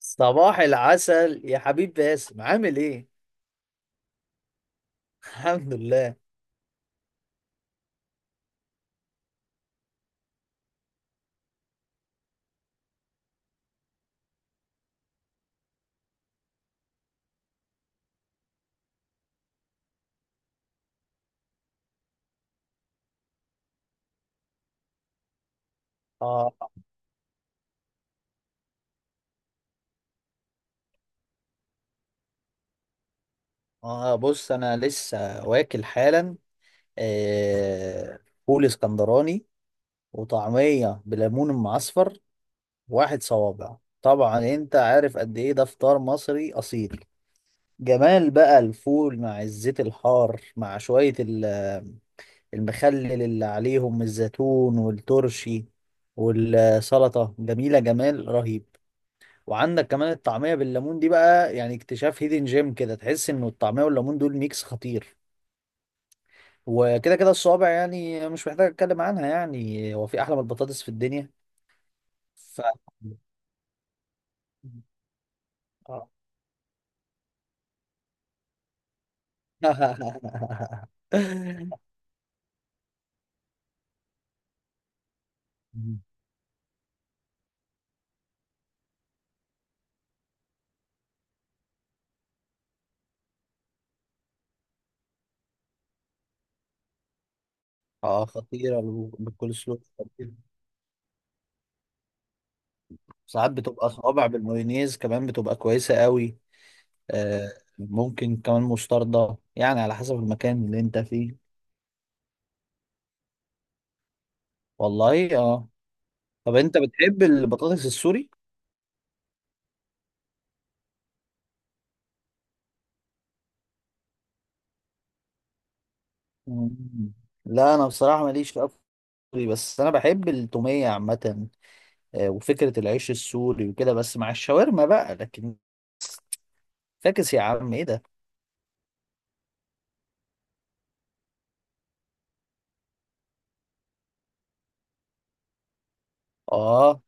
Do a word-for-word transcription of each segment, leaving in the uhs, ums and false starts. صباح العسل يا حبيب باسم، عامل ايه؟ الحمد لله. اه اه بص انا لسه واكل حالا. آه فول اسكندراني، وطعمية بليمون معصفر، واحد صوابع. طبعا انت عارف قد ايه ده، فطار مصري اصيل. جمال بقى الفول مع الزيت الحار مع شوية ال- المخلل اللي عليهم الزيتون والترشي والسلطة، جميلة جمال رهيب. وعندك كمان الطعمية بالليمون دي بقى، يعني اكتشاف هيدن جيم كده، تحس انه الطعمية والليمون دول ميكس خطير. وكده كده الصوابع يعني مش محتاج اتكلم عنها، يعني هو في احلى من البطاطس في الدنيا؟ ف اه. اه، خطيرة، الو- بالكول سلو خطيرة. ساعات بتبقى صوابع بالمايونيز كمان، بتبقى كويسة قوي. آه، ممكن كمان مستردة، يعني على حسب المكان اللي انت فيه. والله اه. طب انت بتحب البطاطس السوري؟ مم. لا انا بصراحه ماليش في أكل سوري، بس انا بحب التوميه عامه. آه، وفكره العيش السوري وكده، بس مع الشاورما بقى. لكن فاكس يا عم، ايه ده؟ اه،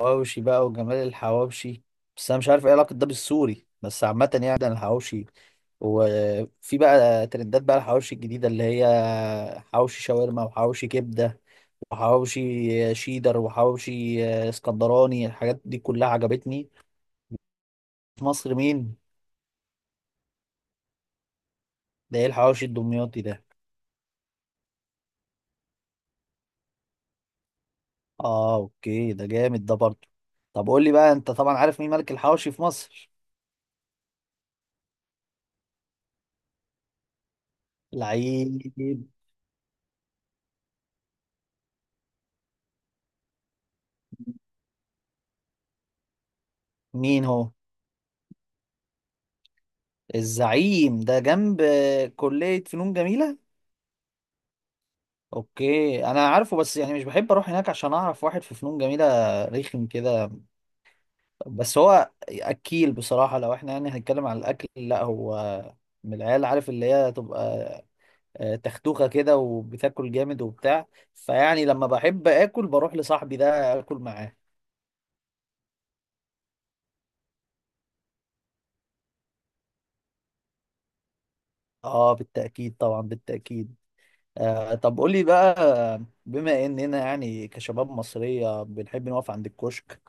حواوشي بقى، وجمال الحواوشي. بس انا مش عارف ايه علاقه ده بالسوري، بس عامه يعني ده الحواوشي. وفي بقى ترندات بقى الحواوشي الجديده اللي هي حواوشي شاورما، وحواوشي كبده، وحواوشي شيدر، وحواوشي آه، اسكندراني. الحاجات دي كلها عجبتني في مصر. مين ده؟ ايه الحواوشي الدمياطي ده؟ اه اوكي، ده جامد ده برضه. طب قول لي بقى، انت طبعا عارف مين ملك الحواوشي في مصر؟ لعيب. مين هو؟ الزعيم ده جنب آه، كلية فنون جميلة؟ اوكي انا عارفه، بس يعني مش بحب اروح هناك عشان اعرف واحد في فنون جميلة، رخم كده. بس هو اكيل بصراحة، لو احنا يعني هنتكلم عن الاكل. لا هو من العيال عارف، اللي هي تبقى آه، تختوخة كده وبتاكل جامد وبتاع. فيعني لما بحب اكل بروح لصاحبي ده اكل معاه. اه بالتأكيد طبعا، بالتأكيد. آه طب قولي بقى، بما اننا يعني كشباب مصرية بنحب نقف عند الكشك،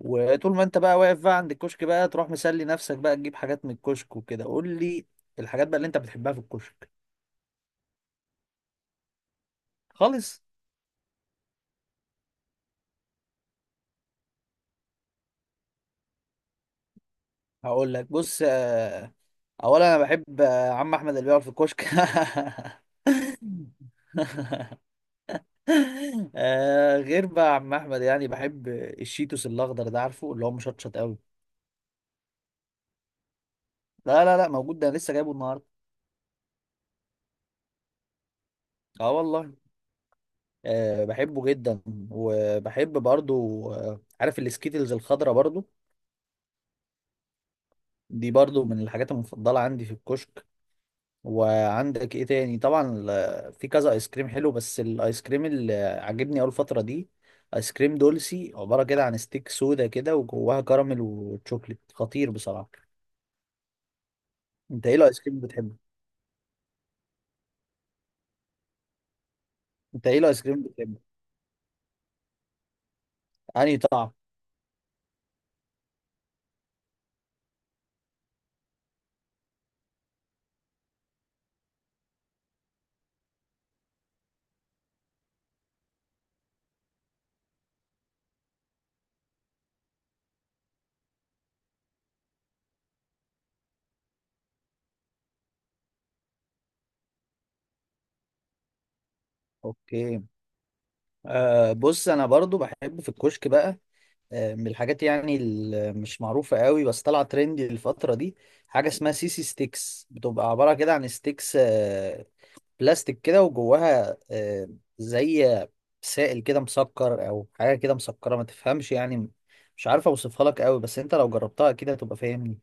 وطول ما انت بقى واقف بقى عند الكشك بقى تروح مسلي نفسك بقى تجيب حاجات من الكشك وكده، قولي الحاجات بقى اللي انت بتحبها في الكشك. خالص. هقول لك، بص آه اولا انا بحب آه، عم احمد اللي بيقعد في الكشك. آه، غير بقى يا عم احمد، يعني بحب الشيتوس الاخضر ده، عارفه اللي هو مشطشط قوي. لا لا لا موجود ده، أنا لسه جايبه النهارده. اه والله. آه بحبه جدا. وبحب برضو آه عارف السكيتلز الخضرا برضو، دي برضو من الحاجات المفضله عندي في الكشك. وعندك ايه تاني طبعا ال- في كذا ايس كريم حلو، بس الايس كريم اللي عاجبني اول فتره دي ايس كريم دولسي، عباره كده عن ستيك سودا كده، وجواها كراميل وتشوكليت خطير بصراحه. انت ايه الايس كريم بتحبه؟ انت ايه الايس كريم بتحبه انهي طعم؟ اوكي. آه بص انا برضو بحب في الكشك بقى آه، من الحاجات يعني اللي مش معروفه قوي، بس طالعه ترندي الفتره دي، حاجه اسمها سيسي ستيكس. بتبقى عباره كده عن ستيكس آه، بلاستيك كده، وجواها آه زي سائل كده مسكر، او حاجه كده مسكره، ما تفهمش يعني. مش عارف اوصفها لك قوي، بس انت لو جربتها اكيد هتبقى فاهمني.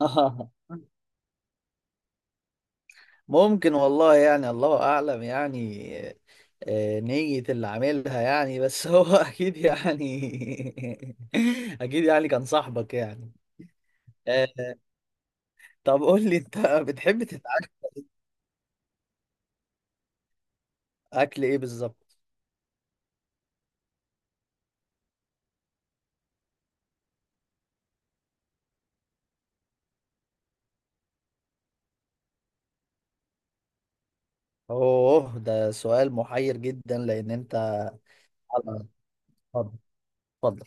ممكن والله يعني، الله اعلم يعني آه، نية اللي عاملها يعني. بس هو اكيد يعني، اكيد يعني كان صاحبك يعني. آه، طب قول لي انت بتحب تتعلم اكل ايه بالظبط؟ اوه، ده سؤال محير جدا، لان انت على-. اتفضل، اتفضل.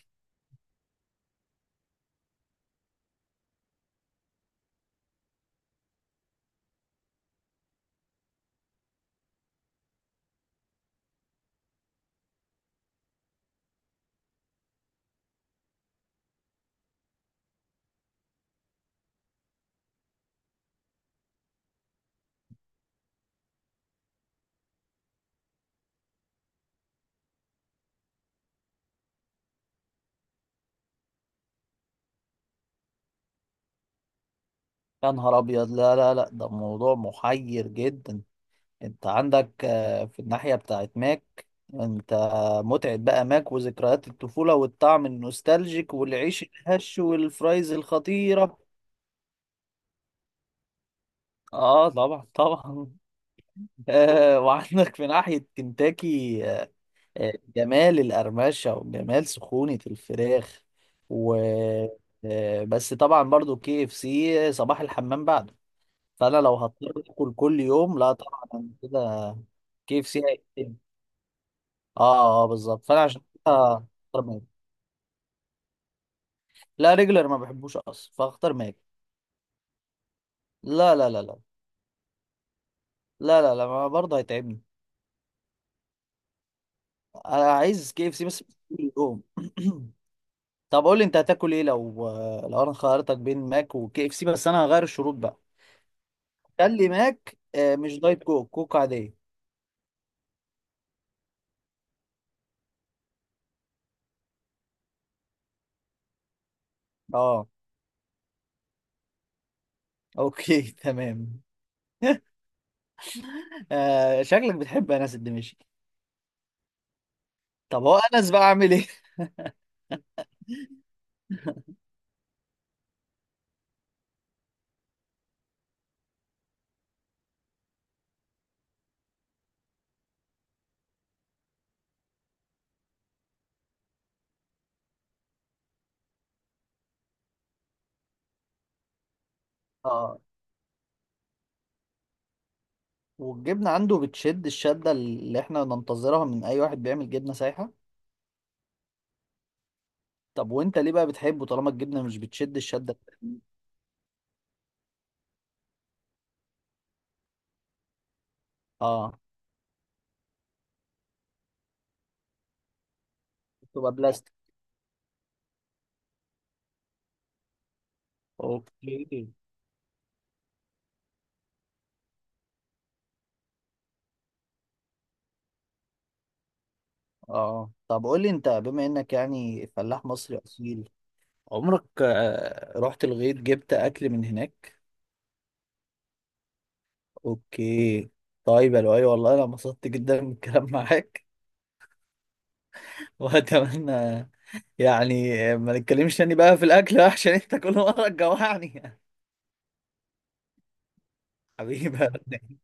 يا نهار ابيض، لا لا لا ده موضوع محير جدا. انت عندك آه، في الناحية بتاعت ماك، انت متعة بقى ماك، وذكريات الطفولة، والطعم النوستالجيك، والعيش الهش، والفرايز الخطيرة. اه طبعا طبعا. آه وعندك في ناحية كنتاكي، آه جمال القرمشة وجمال سخونة الفراخ، و آه بس طبعا برضو كي اف سي صباح الحمام بعده. فانا لو هضطر اكل كل يوم، لا طبعا، أنا كده كي اف سي هيقتلني. اه اه بالظبط، فانا عشان كده هختار ماك. لا ريجلر ما بحبوش اصلا، فاختار ماك. لا لا لا لا. لا لا لا، ما برضه هيتعبني. انا عايز كي اف سي بس كل يوم. طب قول لي انت هتاكل ايه لو، لو انا خيرتك بين ماك وكي اف سي، بس انا هغير الشروط بقى. خلي ماك آه، مش دايت كوك، كوك عاديه. اه اوكي تمام. آه، شكلك بتحب انس الدمشقي. طب هو انس بقى عامل ايه؟ اه، والجبنه عنده بتشد الشده اللي احنا ننتظرها من اي واحد بيعمل جبنه سايحه. طب وانت ليه بقى بتحبه طالما الجبنه مش بتشد الشده؟ اه تبقى بلاستيك. اوكي. اه طب قول لي انت، بما انك يعني فلاح مصري اصيل، عمرك آه، رحت الغيط جبت اكل من هناك؟ اوكي. طيب يا لؤي، والله انا انبسطت جدا من الكلام معاك، واتمنى يعني ما نتكلمش تاني بقى في الاكل عشان انت كل مره تجوعني. حبيبي.